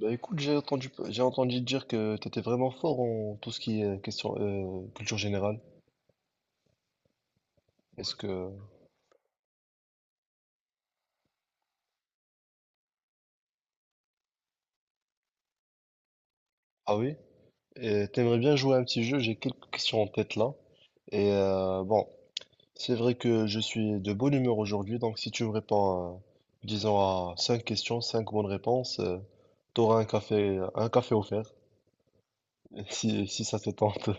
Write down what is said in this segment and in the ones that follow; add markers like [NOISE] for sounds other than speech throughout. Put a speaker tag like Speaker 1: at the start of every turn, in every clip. Speaker 1: Bah écoute, j'ai entendu dire que tu étais vraiment fort en tout ce qui est question, culture générale. Est-ce que... Ah oui? Et t'aimerais bien jouer à un petit jeu, j'ai quelques questions en tête là. Et bon, c'est vrai que je suis de bonne humeur aujourd'hui, donc si tu me réponds, à, disons, à 5 questions, 5 bonnes réponses, t'auras un café offert, [LAUGHS] si, si ça te tente.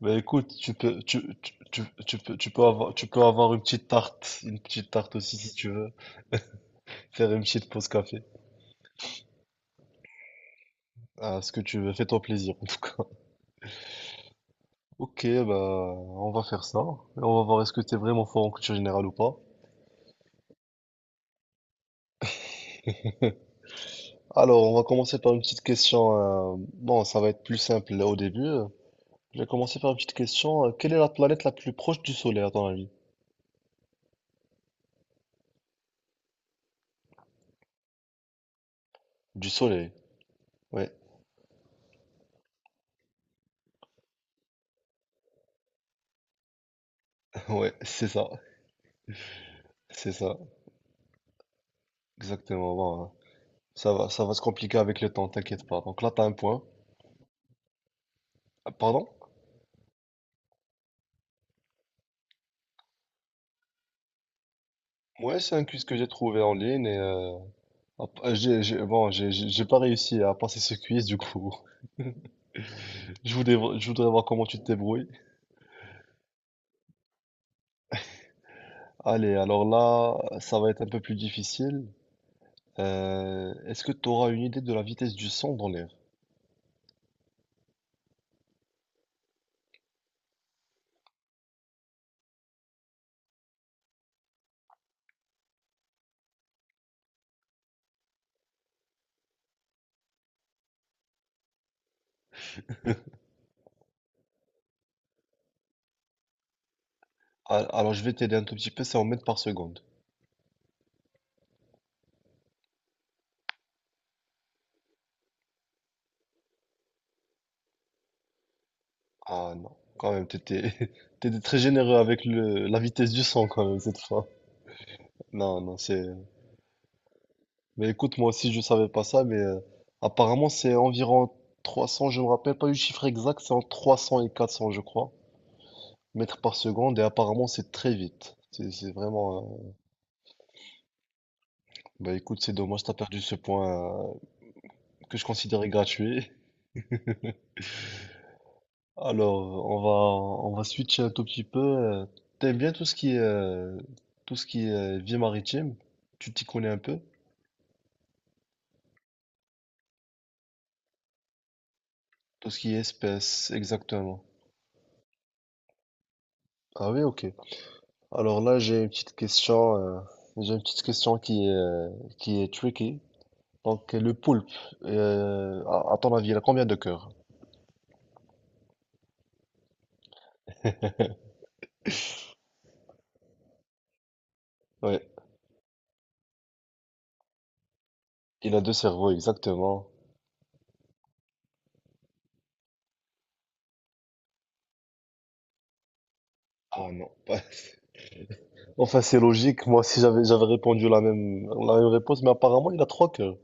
Speaker 1: Bah écoute, tu peux avoir une petite tarte aussi si tu veux, faire une petite pause café. Ah, ce que tu veux, fais-toi plaisir en tout cas. [LAUGHS] Ok, bah on va faire ça. Et on va voir est-ce que t'es vraiment fort en culture générale ou pas. [LAUGHS] Alors, on va commencer par une petite question. Bon, ça va être plus simple là, au début. Je vais commencer par une petite question. Quelle est la planète la plus proche du Soleil à ton avis? Du Soleil. Ouais, [LAUGHS] ouais, c'est ça. C'est ça. Exactement. Bon, ça va se compliquer avec le temps, t'inquiète pas. Donc là, t'as un point. Ah, pardon? Ouais, c'est un quiz que j'ai trouvé en ligne et hop, j'ai pas réussi à passer ce quiz du coup. Je voudrais voir comment tu te débrouilles. Allez, alors là, ça va être un peu plus difficile. Est-ce que tu auras une idée de la vitesse du son dans l'air? Ah, alors, je vais t'aider un tout petit peu, c'est en mètres par seconde. Ah non, quand même, [LAUGHS] t'étais très généreux avec la vitesse du son quand même cette fois. Non, non, c'est... Mais écoute, moi aussi, je savais pas ça, mais apparemment, c'est environ 300, je me rappelle pas du chiffre exact, c'est entre 300 et 400, je crois, mètres par seconde, et apparemment, c'est très vite. C'est vraiment... Bah écoute, c'est dommage, t'as perdu ce point que je considérais gratuit. Alors, on va switcher un tout petit peu. T'aimes bien tout ce qui est tout ce qui est vie maritime? Tu t'y connais un peu? Tout ce qui est espèces, exactement. Ah oui, ok. Alors là, j'ai une petite question. J'ai une petite question qui est tricky. Donc le poulpe, à ton avis, il a combien de cœurs? Ouais, il a 2 cerveaux, exactement. Ah non. [LAUGHS] Enfin, c'est logique. Moi aussi, j'avais répondu la même réponse, mais apparemment, il a 3 cœurs.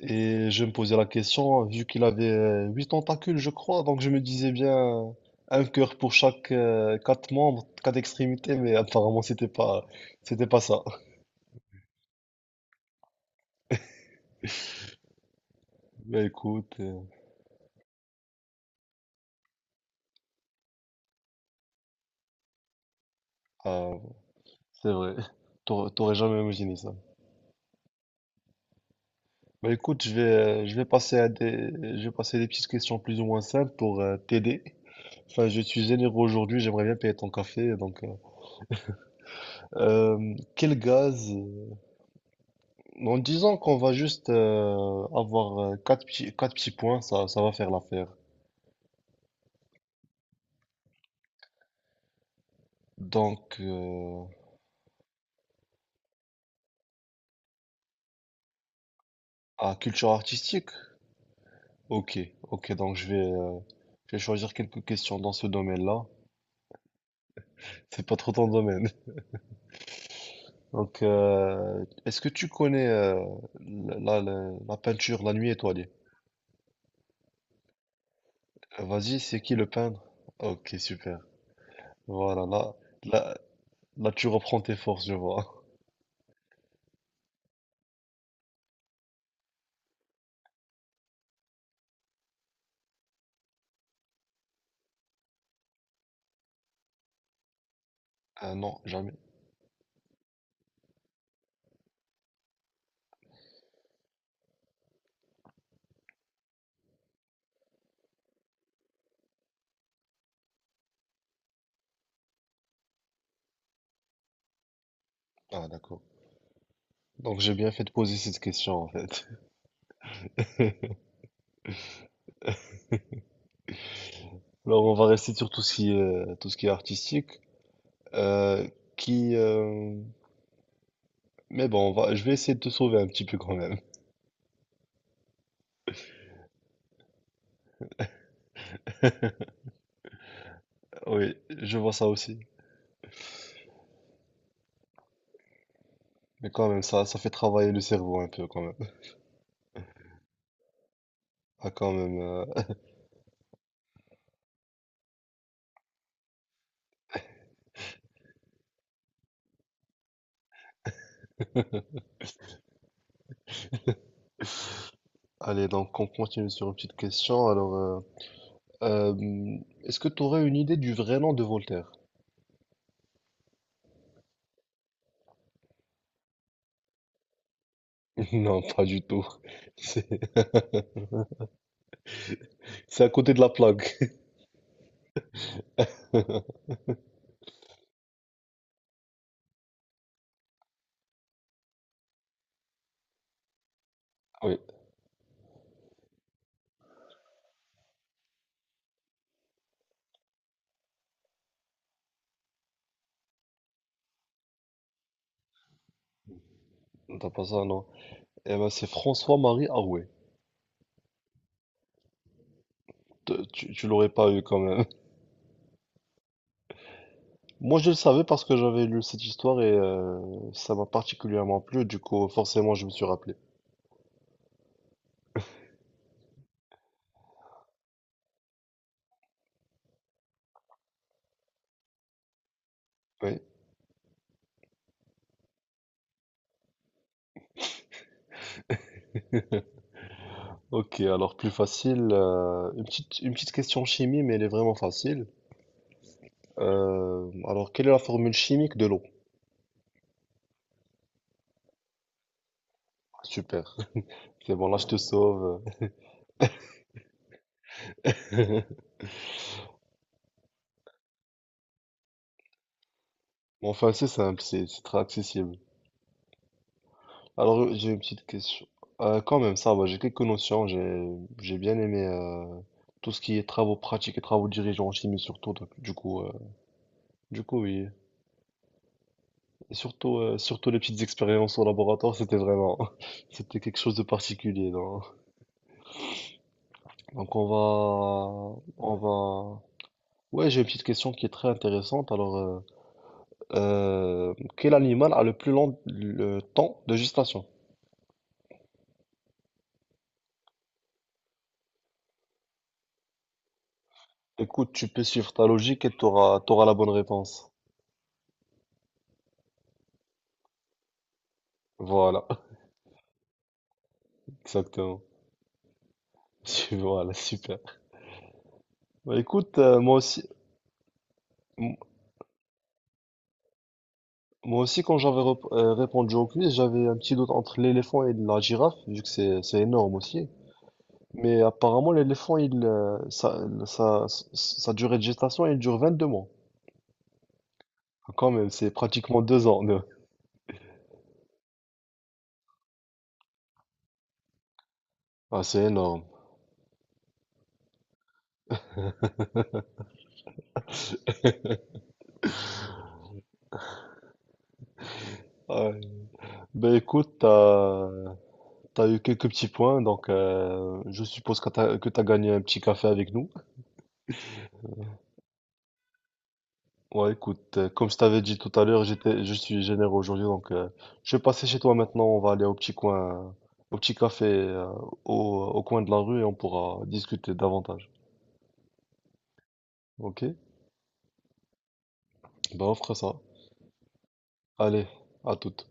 Speaker 1: Et je me posais la question, vu qu'il avait 8 tentacules, je crois, donc je me disais bien un cœur pour chaque quatre membres, quatre extrémités, mais apparemment, c'était pas ça. Bah écoute, ah, c'est vrai. T'aurais jamais imaginé ça. Bah écoute, je vais passer je vais passer à des petites questions plus ou moins simples pour t'aider. Enfin, je suis généreux aujourd'hui, j'aimerais bien payer ton café, donc. Quel gaz? En disant qu'on va juste avoir quatre petits points, ça va faire l'affaire. Donc, à culture artistique? Ok, ok, donc je vais choisir quelques questions dans ce domaine-là. C'est pas trop ton domaine. [LAUGHS] Donc, est-ce que tu connais la peinture La Nuit étoilée? Vas-y, c'est qui le peintre? Ok, super. Voilà, là, là, tu reprends tes forces, je vois. [LAUGHS] Ah non, jamais. Ah d'accord. Donc j'ai bien fait de poser cette question en fait. [LAUGHS] Alors on va rester sur tout ce qui est, tout ce qui est artistique. Euh, qui, euh, Mais bon, je vais essayer de te sauver un petit peu quand même. [LAUGHS] Oui, je vois ça aussi. Mais quand même, ça fait travailler le cerveau un peu quand même. Ah, quand même. Allez, donc on continue sur une petite question. Alors, euh, est-ce que tu aurais une idée du vrai nom de Voltaire? [LAUGHS] Non, pas du tout. [LAUGHS] C'est c'est à côté de la plaque. [LAUGHS] Oui, t'as pas ça, non. Eh ben, c'est François-Marie Arouet. Tu l'aurais pas eu quand même. [LAUGHS] Moi, je le savais parce que j'avais lu cette histoire et ça m'a particulièrement plu. Du coup, forcément, je me suis rappelé. Oui. Ok, alors plus facile. Une petite question chimie, mais elle est vraiment facile. Alors, quelle est la formule chimique de l'eau? Super. [LAUGHS] C'est bon, là, je te sauve. [LAUGHS] Bon, enfin, c'est simple, c'est très accessible. Alors, j'ai une petite question. Quand même, ça va, j'ai quelques notions. J'ai bien aimé tout ce qui est travaux pratiques et travaux dirigeants en chimie, surtout. Du coup, oui. Et surtout, surtout les petites expériences au laboratoire, c'était vraiment, [LAUGHS] c'était quelque chose de particulier, non. Donc on va. Ouais, j'ai une petite question qui est très intéressante. Alors, quel animal a le plus long le temps de gestation? Écoute, tu peux suivre ta logique et t'auras la bonne réponse. Voilà, [LAUGHS] exactement. [LAUGHS] Voilà, super. Bah, écoute, moi aussi. Moi aussi, quand répondu au quiz, j'avais un petit doute entre l'éléphant et la girafe, vu que c'est énorme aussi. Mais apparemment, l'éléphant, il, sa durée de gestation, il dure 22 mois. Quand même, c'est pratiquement 2 ans. Ah, c'est énorme. Ouais. Ben écoute, t'as eu quelques petits points, donc je suppose que que t'as gagné un petit café avec nous. Ouais, écoute, comme je t'avais dit tout à l'heure, je suis généreux aujourd'hui, donc je vais passer chez toi maintenant. On va aller au petit coin, au petit café, au, au coin de la rue et on pourra discuter davantage. Ok? Ben, on fera ça. Allez, à toute.